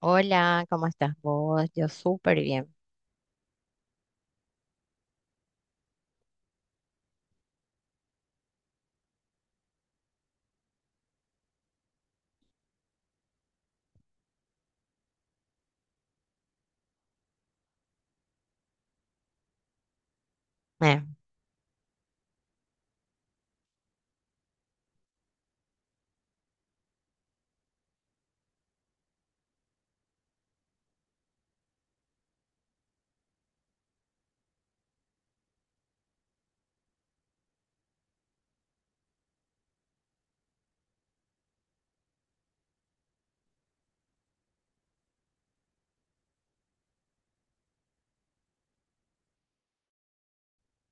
Hola, ¿cómo estás vos? Yo súper bien. Eh,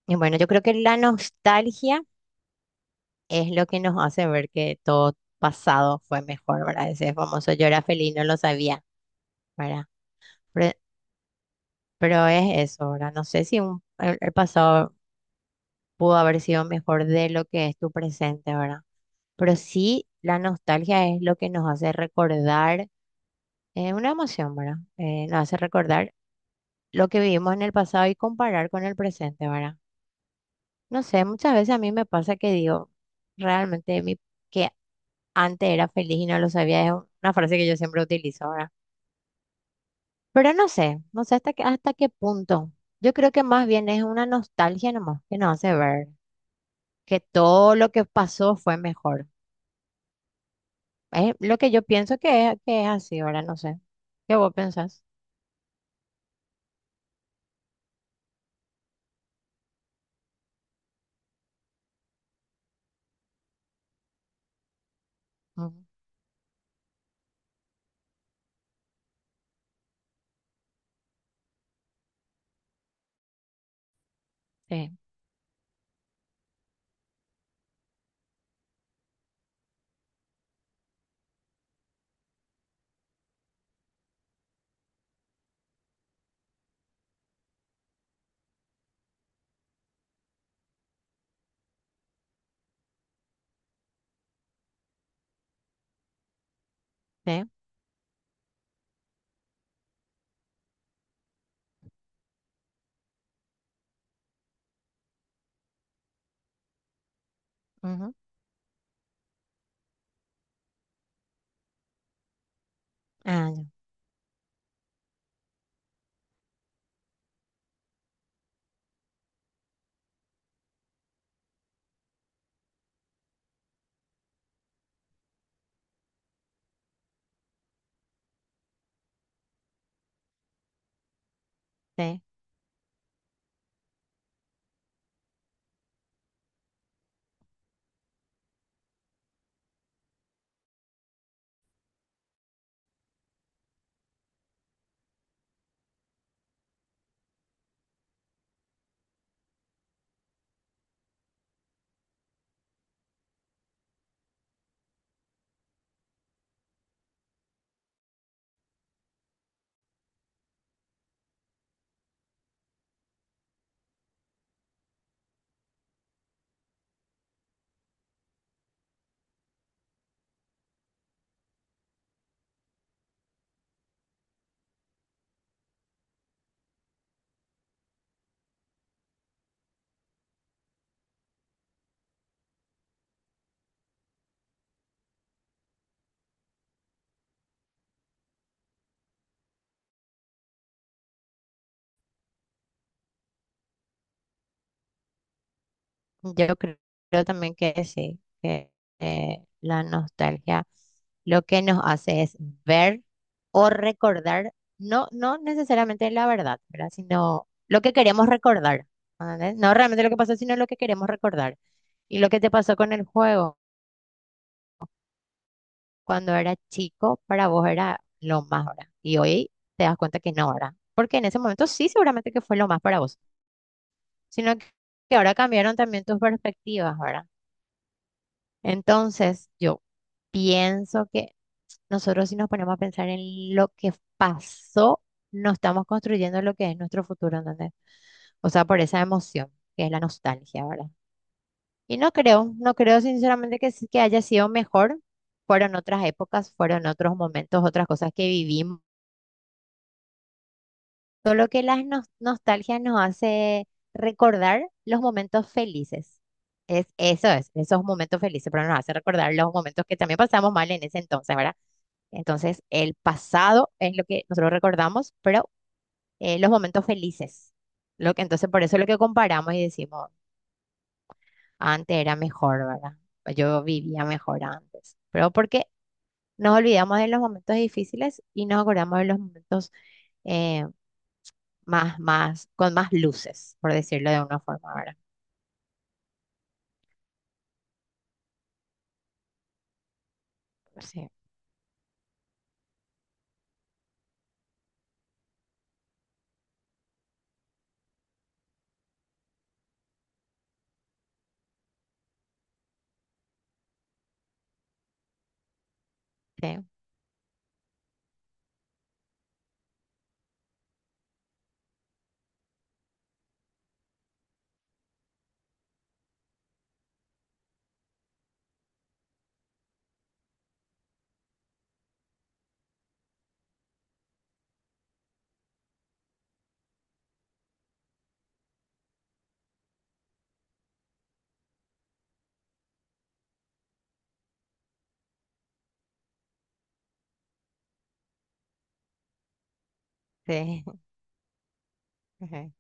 y bueno, yo creo que la nostalgia es lo que nos hace ver que todo pasado fue mejor, ¿verdad? Ese famoso yo era feliz, no lo sabía, ¿verdad? Pero, pero es eso, ¿verdad? No sé si el pasado pudo haber sido mejor de lo que es tu presente, ¿verdad? Pero sí, la nostalgia es lo que nos hace recordar una emoción, ¿verdad? Nos hace recordar lo que vivimos en el pasado y comparar con el presente, ¿verdad? No sé, muchas veces a mí me pasa que digo, realmente mi, que antes era feliz y no lo sabía, es una frase que yo siempre utilizo ahora. Pero no sé, no sé hasta qué punto. Yo creo que más bien es una nostalgia nomás que nos hace ver que todo lo que pasó fue mejor. Es lo que yo pienso que es así ahora, no sé. ¿Qué vos pensás? Ujú, sí, sí, ujú, ah, ya, sí. Yo creo, creo también que sí, que la nostalgia lo que nos hace es ver o recordar, no, no necesariamente la verdad, ¿verdad? Sino lo que queremos recordar, ¿entendés? No realmente lo que pasó, sino lo que queremos recordar. Y lo que te pasó con el juego cuando era chico, para vos era lo más ahora. Y hoy te das cuenta que no ahora. Porque en ese momento sí, seguramente que fue lo más para vos, sino que ahora cambiaron también tus perspectivas, ¿verdad? Entonces, yo pienso que nosotros si nos ponemos a pensar en lo que pasó, no estamos construyendo lo que es nuestro futuro, ¿entendés? O sea, por esa emoción, que es la nostalgia, ¿verdad? Y no creo, no creo sinceramente que, que haya sido mejor. Fueron otras épocas, fueron otros momentos, otras cosas que vivimos. Solo que las nostalgias nos hace recordar los momentos felices. Es, eso es, esos momentos felices, pero nos hace recordar los momentos que también pasamos mal en ese entonces, ¿verdad? Entonces, el pasado es lo que nosotros recordamos, pero los momentos felices. Lo que, entonces, por eso es lo que comparamos y decimos, antes era mejor, ¿verdad? O yo vivía mejor antes. Pero porque nos olvidamos de los momentos difíciles y nos acordamos de los momentos eh, más, más, con más luces, por decirlo de una forma, ¿verdad? Sí, sí, sí. Ujú,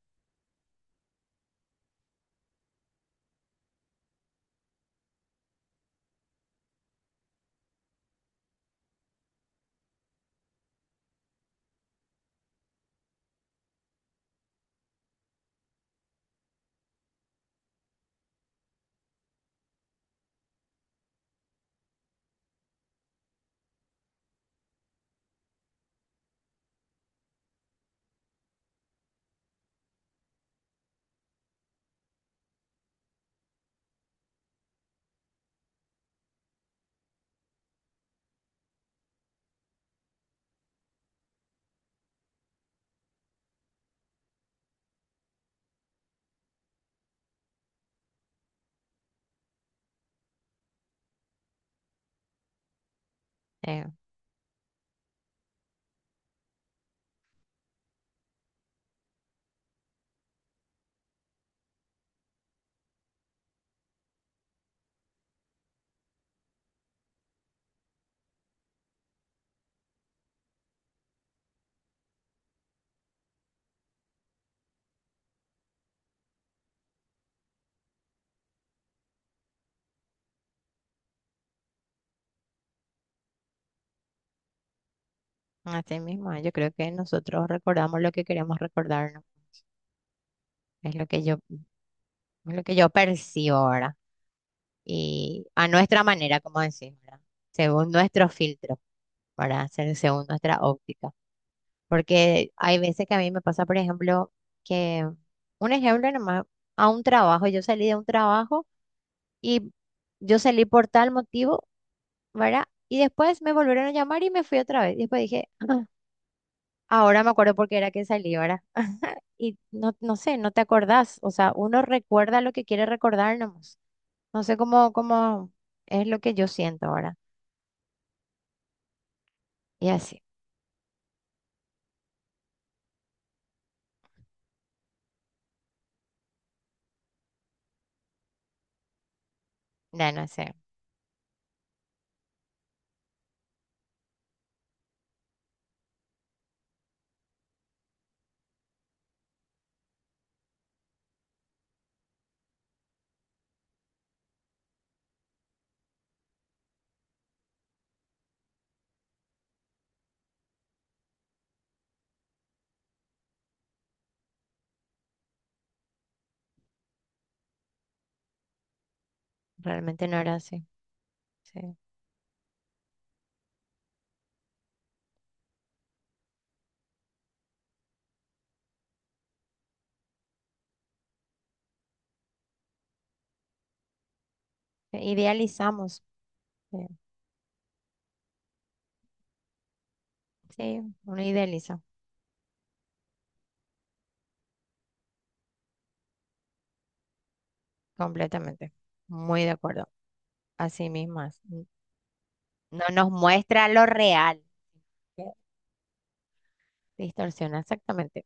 sí. Así mismo, yo creo que nosotros recordamos lo que queremos recordar, ¿no? Es lo que yo, es lo que yo percibo ahora. Y a nuestra manera, como decimos, ¿verdad? Según nuestro filtro, para hacer según nuestra óptica. Porque hay veces que a mí me pasa, por ejemplo, que un ejemplo nomás, a un trabajo, yo salí de un trabajo y yo salí por tal motivo, ¿verdad? Y después me volvieron a llamar y me fui otra vez. Y después dije, "Ah, ahora me acuerdo por qué era que salí, ¿verdad? Y no, no sé, no te acordás. O sea, uno recuerda lo que quiere recordar nomás. No sé cómo, cómo es lo que yo siento ahora. Y así. No, no sé, realmente no era así. Sí. Idealizamos. Sí, sí, uno idealiza completamente. Muy de acuerdo. Así mismo es. No nos muestra lo real. Que distorsiona exactamente.